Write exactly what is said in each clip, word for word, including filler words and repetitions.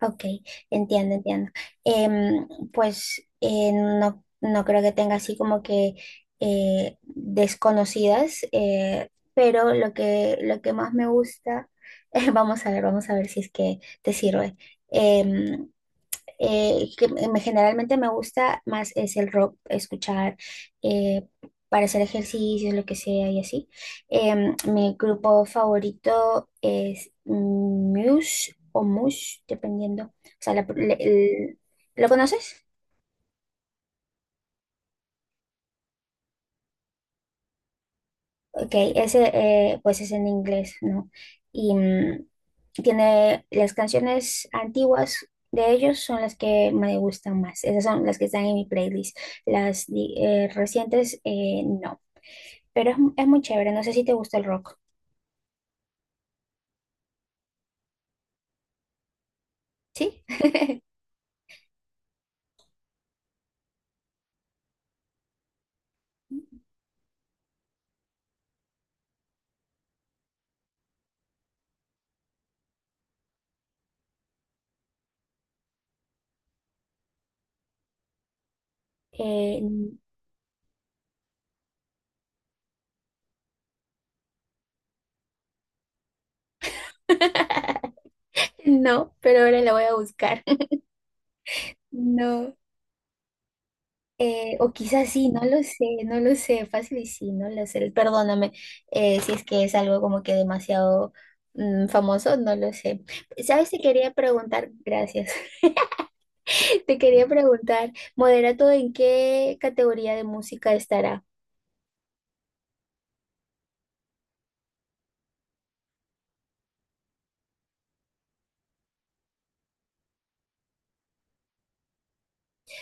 Ok, entiendo, entiendo. Em, pues eh, no, no creo que tenga así como que eh, desconocidas, eh, pero lo que, lo que más me gusta, vamos a ver, vamos a ver si es que te sirve. Em, eh, que me- generalmente me gusta más es el rock, escuchar eh, para hacer ejercicios, lo que sea y así. Em, mi grupo favorito es Muse o Mush, dependiendo. O sea, la- le- el- ¿lo conoces? Ok, ese eh, pues es en inglés, ¿no? Y mm, tiene las canciones antiguas. De ellos son las que me gustan más. Esas son las que están en mi playlist. Las di- eh, recientes, eh, no. Pero es, es muy chévere. No sé si te gusta el rock. ¿Sí? Eh, no, pero ahora la voy a buscar. No, eh, o quizás sí, no lo sé, no lo sé, fácil y sí, no lo sé. Perdóname, eh, si es que es algo como que demasiado mm, famoso, no lo sé. ¿Sabes? Te quería preguntar, gracias. Te quería preguntar, ¿Moderato en qué categoría de música estará?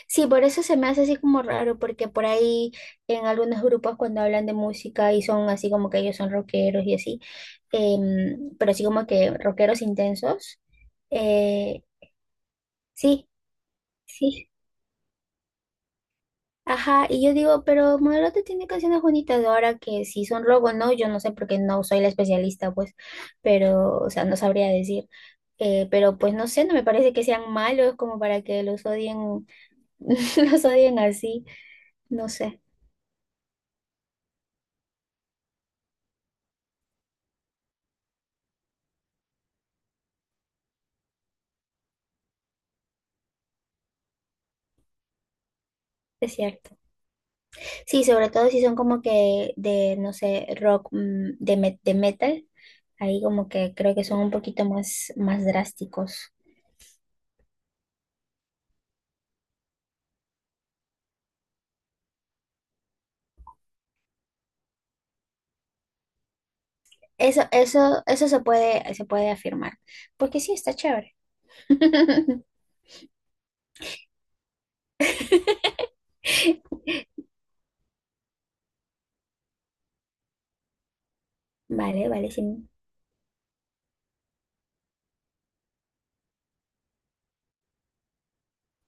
Sí, por eso se me hace así como raro, porque por ahí en algunos grupos cuando hablan de música y son así como que ellos son rockeros y así, em, pero así como que rockeros intensos, eh, sí, sí, ajá, y yo digo, pero Moderote tiene canciones bonitas, ahora que si son rock o no, yo no sé porque no soy la especialista, pues, pero, o sea, no sabría decir, eh, pero pues no sé, no me parece que sean malos como para que los odien, los odien así, no sé, es cierto. Sí, sobre todo si son como que de, no sé, rock, mm, de, me- de metal, ahí como que creo que son un poquito más, más drásticos. Eso, eso, eso se puede, se puede afirmar, porque sí, está chévere. Vale, vale, sí.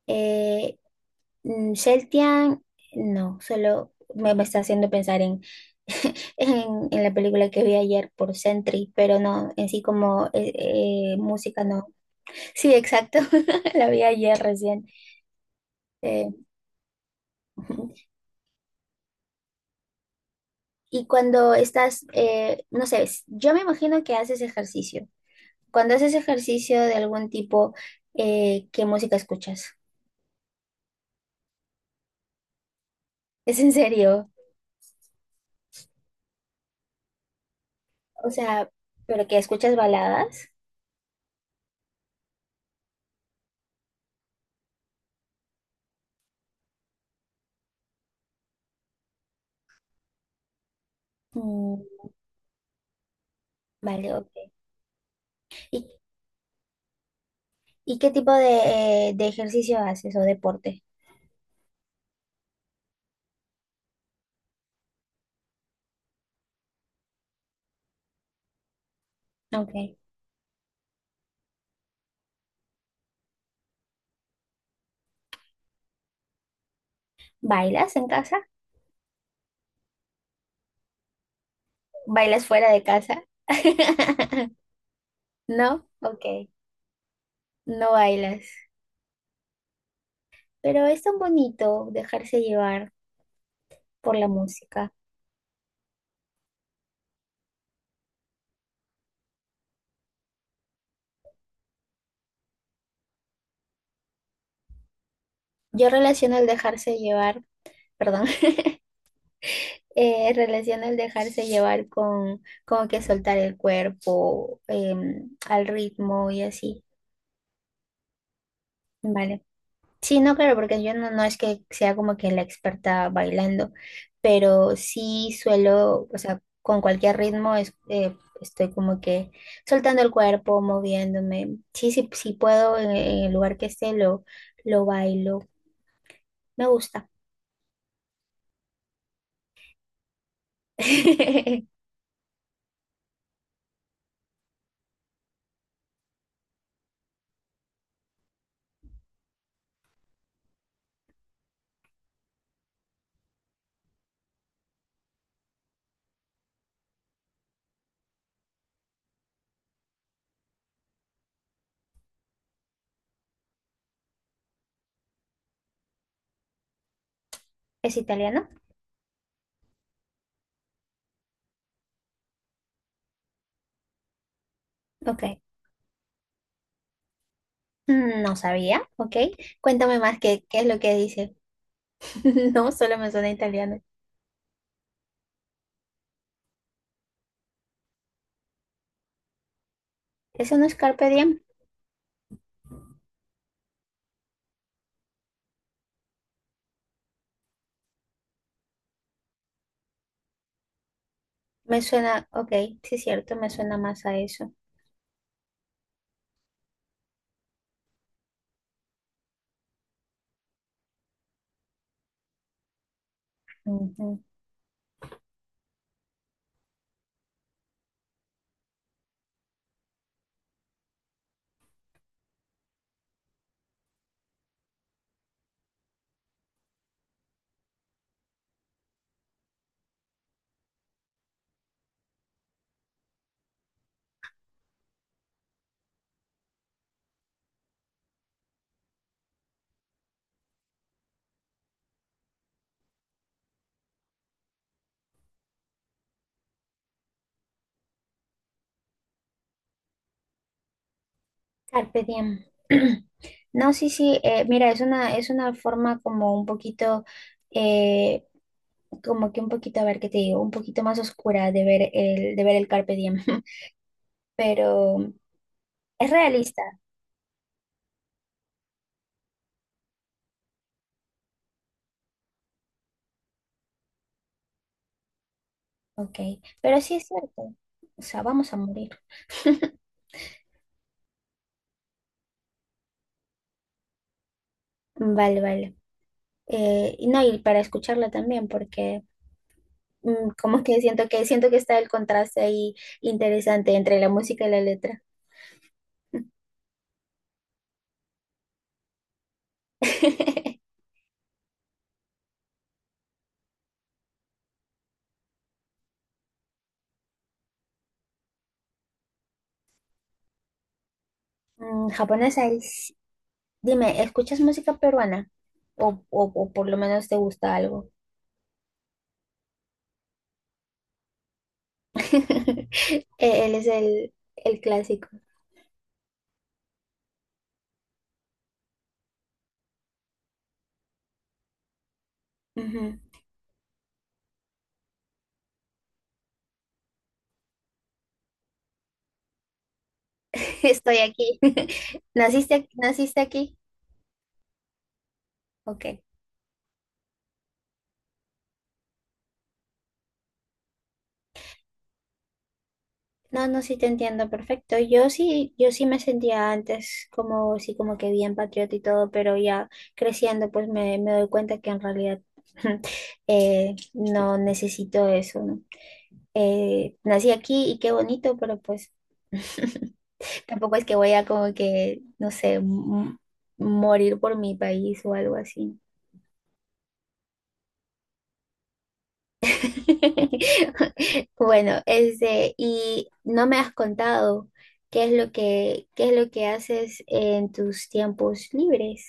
Eh, mm, Celtian, no, solo me, me está haciendo pensar en, en, en la película que vi ayer por Sentry, pero no, en sí como eh, eh, música no. Sí, exacto, la vi ayer recién. Eh, Y cuando estás, eh, no sé, yo me imagino que haces ejercicio. Cuando haces ejercicio de algún tipo, eh, ¿qué música escuchas? ¿Es en serio? O sea, ¿pero que escuchas baladas? Mm, vale, ok. ¿Y, y qué tipo de, eh, de ejercicio haces o deporte? Ok. ¿Bailas en casa? ¿Bailas fuera de casa? No, ok. No bailas. Pero es tan bonito dejarse llevar por la música. Yo relaciono el dejarse llevar, perdón, eh, relaciono el dejarse llevar con como que soltar el cuerpo, em, al ritmo y así, ¿vale? Sí, no, claro, porque yo no, no es que sea como que la experta bailando, pero sí suelo, o sea, con cualquier ritmo es, eh, estoy como que soltando el cuerpo, moviéndome. Sí, sí, sí puedo en, en el lugar que esté, lo, lo bailo. Me gusta. ¿Es italiano? Ok. Mm, No sabía, ok. Cuéntame más qué, qué es lo que dice. No, solo me suena italiano. ¿Eso no es carpe diem? Me suena, ok, sí es cierto, me suena más a eso. Ujú. Carpe diem. No, sí, sí, eh, mira, es una, es una forma como un poquito, eh, como que un poquito, a ver qué te digo, un poquito más oscura de ver el, de ver el carpe diem, pero es realista, ok, pero sí es cierto, o sea, vamos a morir. Vale, vale. Eh, y no, y para escucharla también, porque mm, como que siento que siento que está el contraste ahí interesante entre la música y la letra. Mm, japonesa es- dime, ¿escuchas música peruana? O, o, o por lo menos te gusta algo. Eh, Él es el, el clásico. Ujú. Estoy aquí. ¿Naciste, naciste aquí? Ok. No, no, sí te entiendo perfecto. Yo sí, yo sí me sentía antes como, sí, como que bien patriota y todo, pero ya creciendo, pues me, me doy cuenta que en realidad eh, no necesito eso, ¿no? Eh, nací aquí y qué bonito, pero pues tampoco es que voy a como que, no sé, m- morir por mi país o algo así, ¿no? Bueno, este, y no me has contado qué es lo que, qué es lo que haces en tus tiempos libres.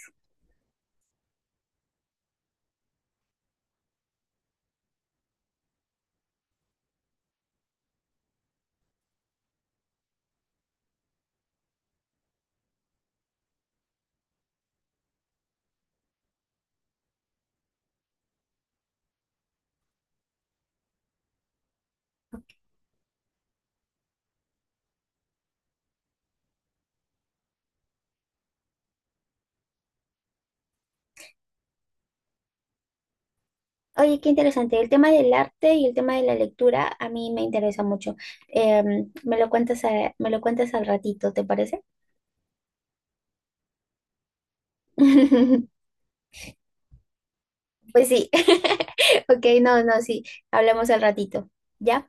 Oye, qué interesante. El tema del arte y el tema de la lectura a mí me interesa mucho. Em, me lo cuentas a- me lo cuentas al ratito, ¿te parece? Pues sí. Ok, no, no, sí. Hablamos al ratito. ¿Ya?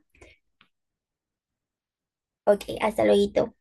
Ok, hasta luego.